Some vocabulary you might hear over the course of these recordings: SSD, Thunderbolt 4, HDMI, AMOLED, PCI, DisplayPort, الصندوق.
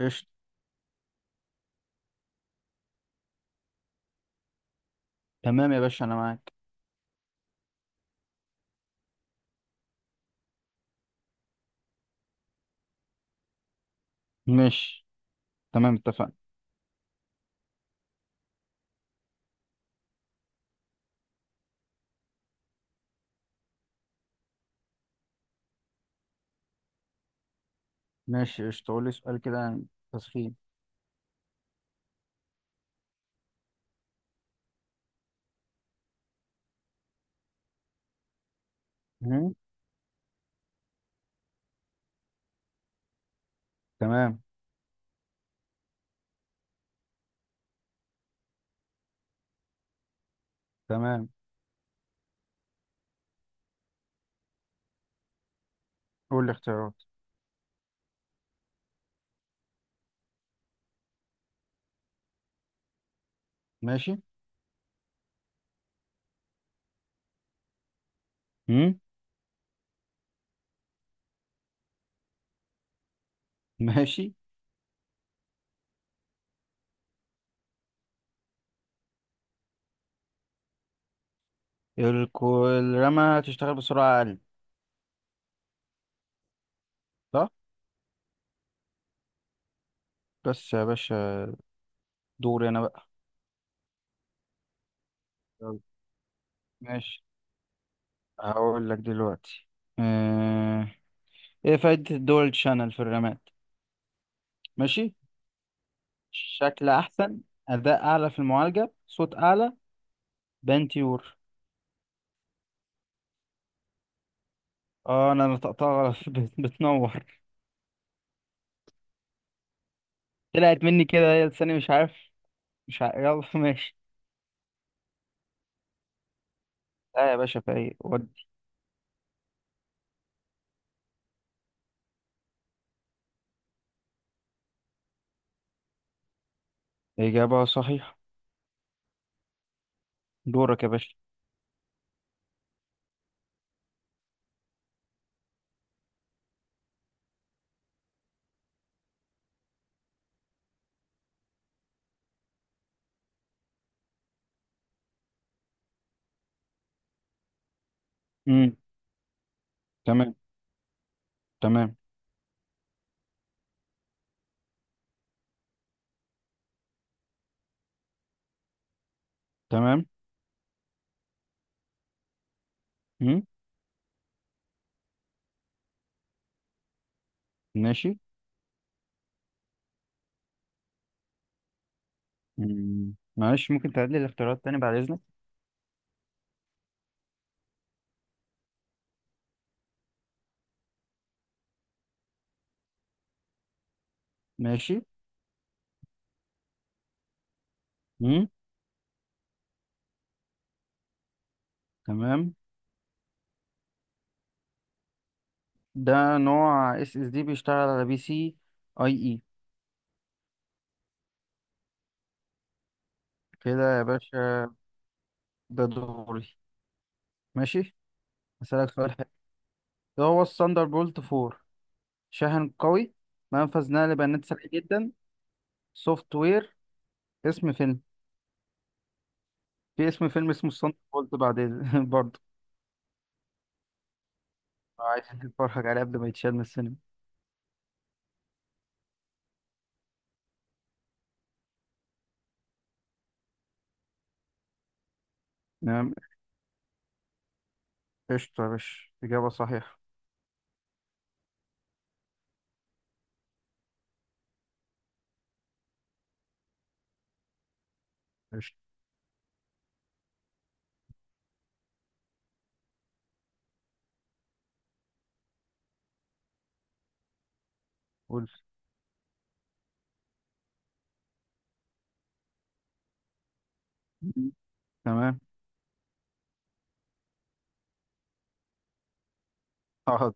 قشطة. تمام يا باشا، أنا معاك. ماشي. تمام، اتفقنا. ماشي، قشطة. قول لي سؤال كده عن التسخين. مم. تمام. تمام. قول لي اختيارات. ماشي. مم؟ ماشي. الرمى تشتغل بسرعة أقل. صح؟ بس يا باشا، دوري أنا بقى. يلا. ماشي، هقول لك دلوقتي. آه... إيه فايدة الدول شانل في الرماد؟ ماشي. شكل أحسن، أداء أعلى في المعالجة، صوت أعلى، بنتيور. آه، أنا نطقتها غلط بتنور. طلعت مني كده، هي لساني مش عارف مش عارف. يلا ماشي. لا يا باشا، فايق ودي. إجابة صحيحة. دورك يا باشا. امم تمام. تمام. تمام. امم ماشي. مم. معلش، ممكن تعيد لي الاختيارات تاني بعد إذنك؟ ماشي. امم تمام. ده نوع اس اس دي بيشتغل على بي سي اي اي. كده يا باشا، ده دوري. ماشي. هسألك سؤال حلو. ده هو الثاندر بولت 4؟ شاحن قوي، منفذ نقل بيانات سريع جدا، سوفت وير، اسم فيلم. في اسم فيلم اسمه الصندوق، قلت بعدين برضه. عايز تتفرج عليه قبل ما يتشال من السينما. تمام. قشطة يا باشا، إجابة صحيحة. قشطة. قول. مم. تمام. حاضر.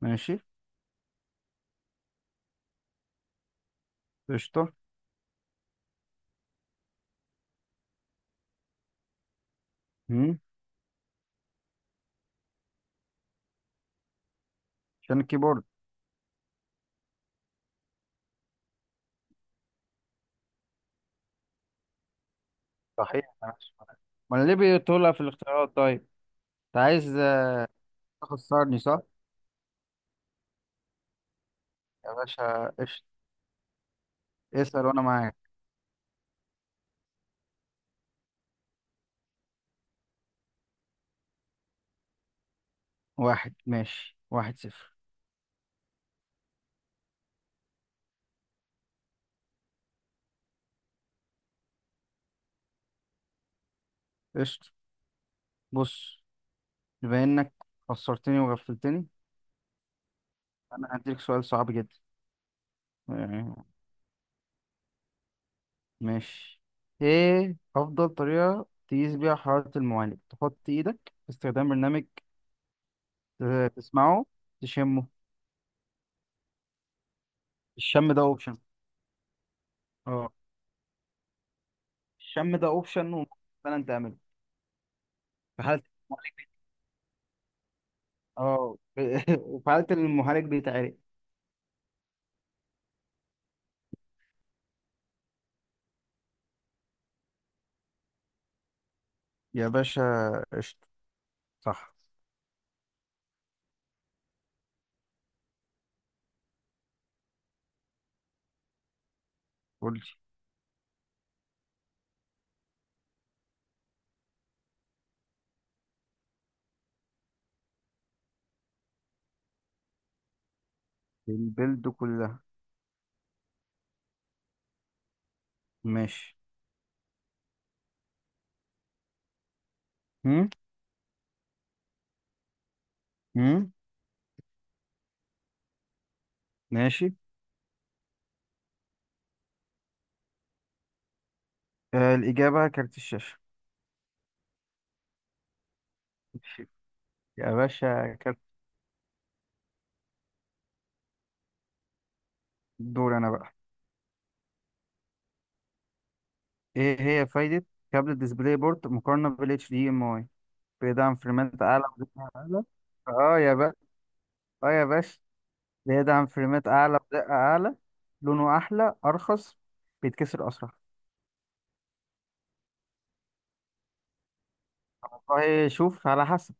ماشي. قشطة. مم. عشان الكيبورد. صحيح، ماشي. ما أنا ليه بتقولها في الاختيارات طيب؟ أنت عايز تخسرني، صح؟ يا باشا، قشطة. اسأل وأنا معاك. واحد. ماشي، واحد صفر. قشطة. بص. بما إنك خسرتني وغفلتني، أنا هديلك سؤال صعب جدا. ماشي. ايه افضل طريقة تقيس بيها حرارة المعالج؟ تحط ايدك، باستخدام برنامج، تسمعه، تشمه؟ الشم ده اوبشن. اه، الشم ده اوبشن وممكن فعلا تعمله في حالة. اه وفي حالة إن المعالج بيتعرق. يا باشا، قشطة، صح. قلت البلد كلها. ماشي. هم؟ هم؟ ماشي. آه، الإجابة كارت الشاشة. ماشي. يا باشا كارت. دور أنا بقى. ايه هي فايدة كابل ديسبلاي بورد مقارنة بال HDMI؟ بيدعم فريمات أعلى ودقة أعلى. اه يا بقى، اه يا باشا، بيدعم فريمات أعلى ودقة أعلى، لونه أحلى، أرخص، بيتكسر أسرع. والله شوف على حسب.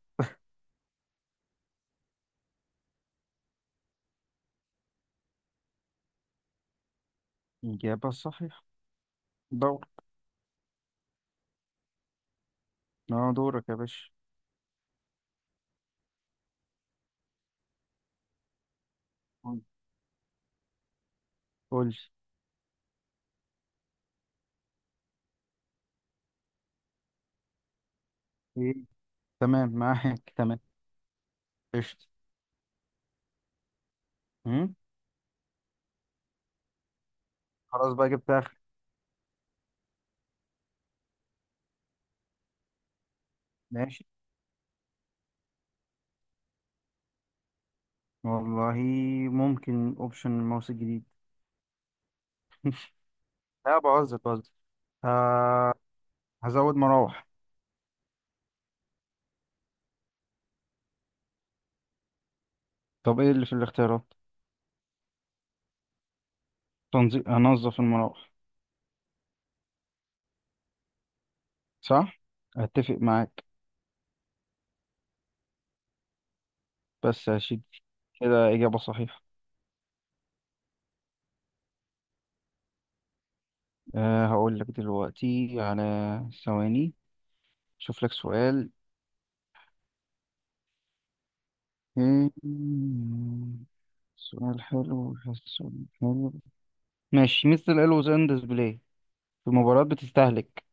الإجابة الصحيحة. دور. اه، دورك يا باشا. قول. قول. ايه، تمام، معاك، تمام. قشطة. أمم، خلاص بقى، جبت آخر. ماشي. والله ممكن أوبشن الماوس الجديد. لا، بهزر بهزر. آه، هزود مراوح. طب، ايه اللي في الاختيارات؟ تنظيف، هنظف المراوح. صح. اتفق معاك. بس يا شيدي، كده اجابة صحيحة. أه، هقول لك دلوقتي على ثواني، شوف لك سؤال. مم، سؤال حلو. سؤال حلو. ماشي، مثل الألوز أند ديسبلاي في مباراة، بتستهلك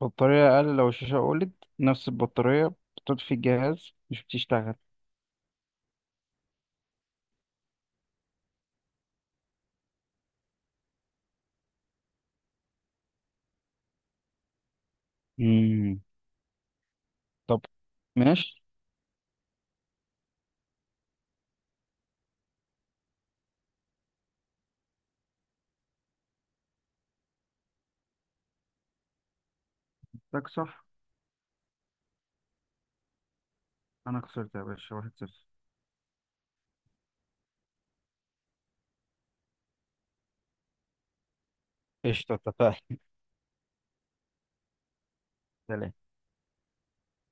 بطارية أقل لو الشاشة أولد، نفس البطارية، بتطفي الجهاز، مش بتشتغل. مم. طب. ماشي. تك، صح. أنا خسرت يا باشا، واحد صفر. قشطة، اتفقنا. سلام.